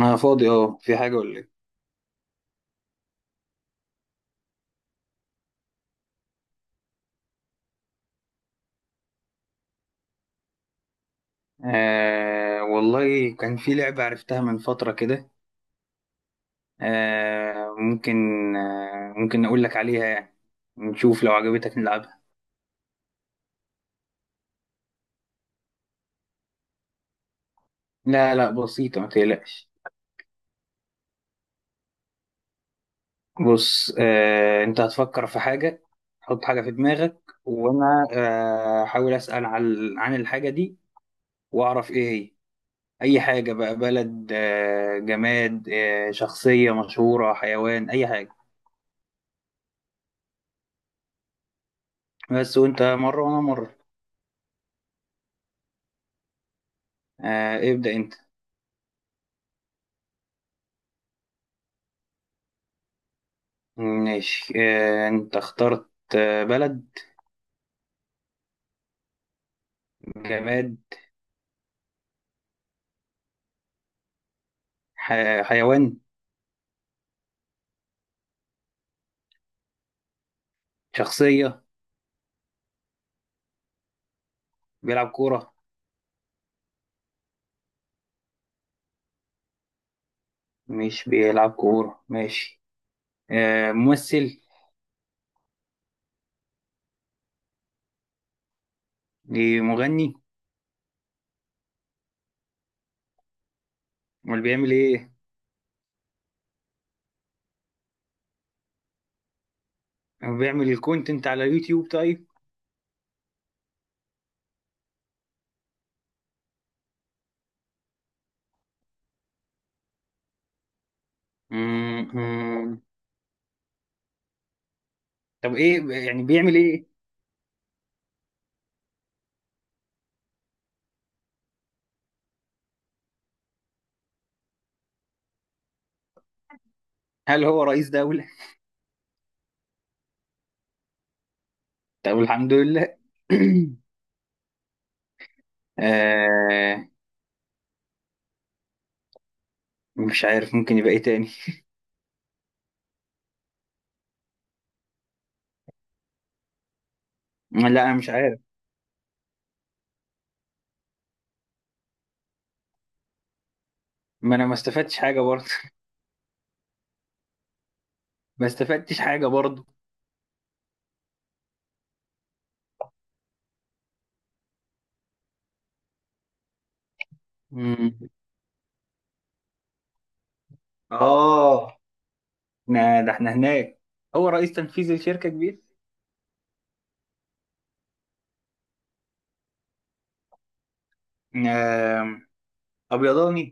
أنا فاضي، في حاجة ولا إيه؟ آه والله، كان في لعبة عرفتها من فترة كده. آه ممكن. آه ممكن أقول لك عليها، يعني نشوف لو عجبتك نلعبها. لا، لا، بسيطة، ما تقلقش. بص، أنت هتفكر في حاجة، حط حاجة في دماغك وأنا هحاول أسأل عن الحاجة دي وأعرف إيه هي. أي حاجة بقى، بلد، جماد، شخصية مشهورة، حيوان، أي حاجة. بس وأنت مرة وأنا مرة. آه، ابدأ أنت. ماشي، انت اخترت. بلد؟ جماد؟ حيوان؟ شخصية؟ بيلعب كورة؟ مش بيلعب كورة، ماشي. ممثل؟ إيه، مغني؟ امال بيعمل ايه؟ بيعمل الكونتنت على يوتيوب؟ طيب. مم، مم. طب ايه يعني، بيعمل ايه؟ هل هو رئيس دولة؟ طب الحمد لله. آه، مش عارف ممكن يبقى ايه تاني. لا، انا مش عارف. ما انا ما استفدتش حاجة برضه. ما استفدتش حاجة برضه. آه، ده احنا هناك. هو رئيس تنفيذي لشركة كبيرة. آم، أبيضاني.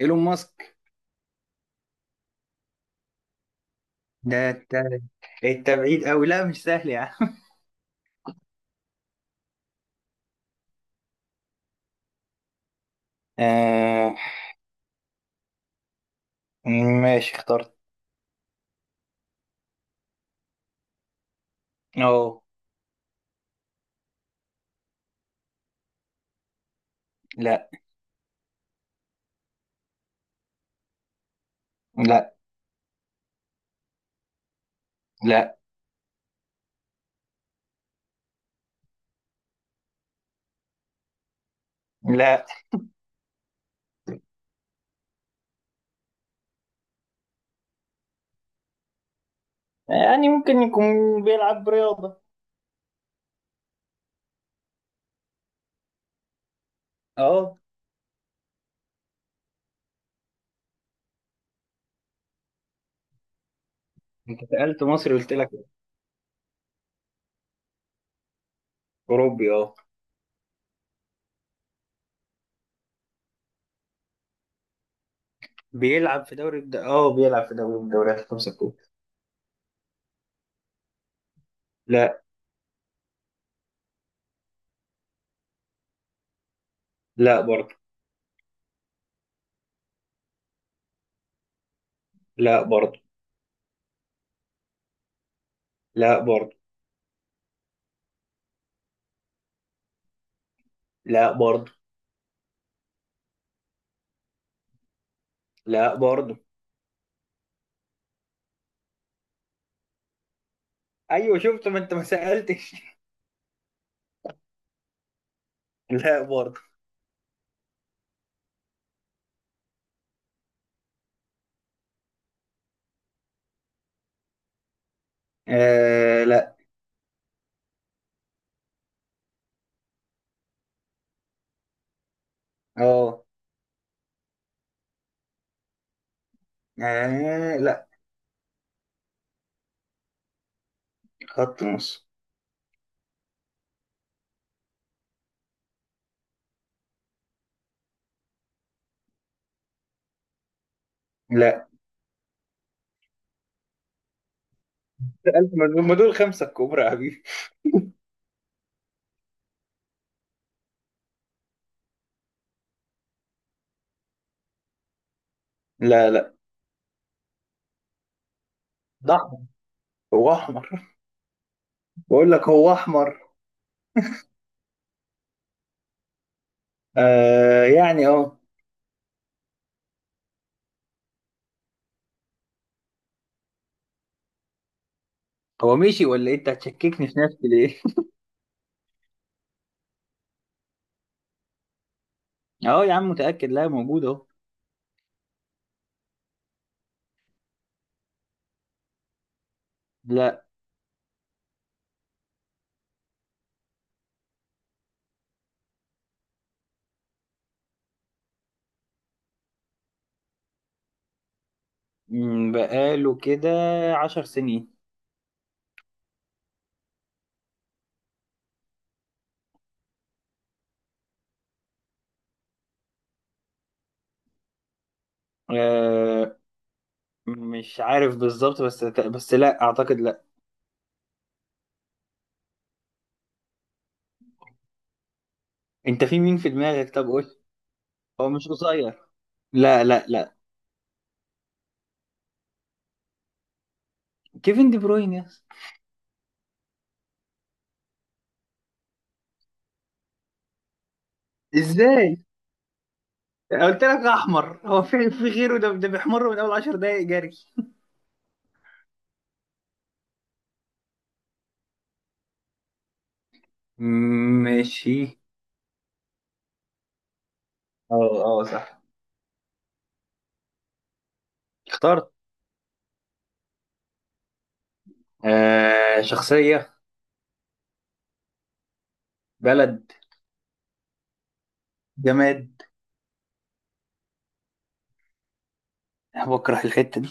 إيلون ماسك. ده انت، انت بعيد أوي، لا مش سهل يا عم. آه، ماشي اخترت. أه. لا، لا، لا، لا. يعني ممكن يكون بيلعب رياضة. أه. أنت سألت مصري، قلت لك. أوروبي، أه. بيلعب في دوري من الدوريات الخمسة الكبرى. لا. لا برضه. لا برضه. لا برضه. لا برضه. لا برضه. ايوه شفت، ما انت ما سالتش. لا برضه. آه، لا. اه. آه، لا. خط نص. لا، ألف مجنون، ما دول خمسة الكبرى يا حبيبي. لا، لا. ده أحمر. هو أحمر. بقول لك هو أحمر. آه يعني، اه. هو مشي ولا إيه؟ أنت هتشككني في نفسي ليه؟ أه يا عم، متأكد، لا موجود أهو. لا. بقاله كده عشر سنين. آه، مش عارف بالظبط، بس لا أعتقد، لا. أنت في مين في دماغك؟ طب قول. هو مش قصير. لا، لا، لا. كيفن دي بروين يا اسطى. ازاي؟ قلت لك احمر، هو في غيره، ده بيحمر من اول 10 دقايق جري. ماشي. اه، اه، صح. اخترت. آه، شخصية. بلد. جماد. أنا بكره الحتة دي.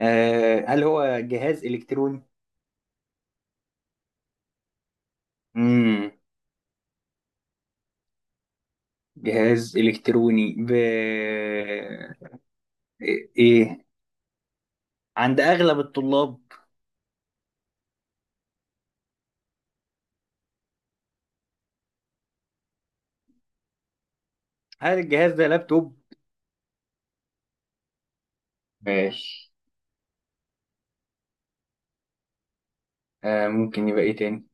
آه، هل هو جهاز إلكتروني؟ مم. جهاز إلكتروني، إيه عند أغلب الطلاب. هل الجهاز ده لابتوب؟ ماشي. آه، ممكن يبقى إيه تاني؟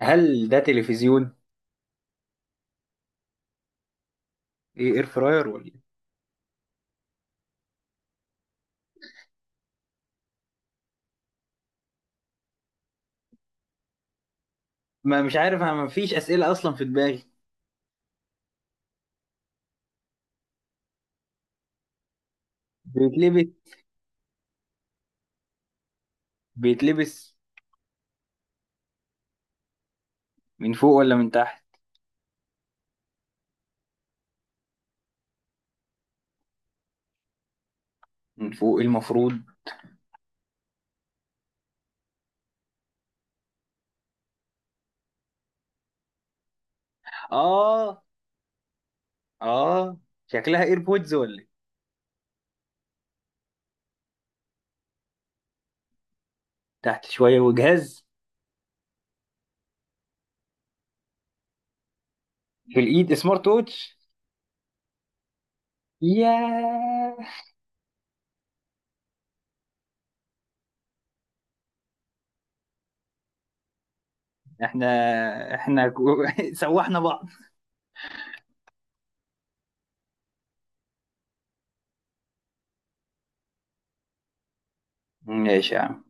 هل ده تلفزيون؟ إيه، إير فراير ولا؟ ما مش عارف انا، ما فيش اسئله اصلا في دماغي. بيتلبس. بيتلبس. من فوق ولا من تحت؟ من فوق، إيه المفروض. اه، اه. شكلها ايربودز ولا إيه؟ تحت شويه، وجهاز. في الايد، سمارت ووتش. ياه. احنا احنا سوحنا بعض. ماشي يا عم.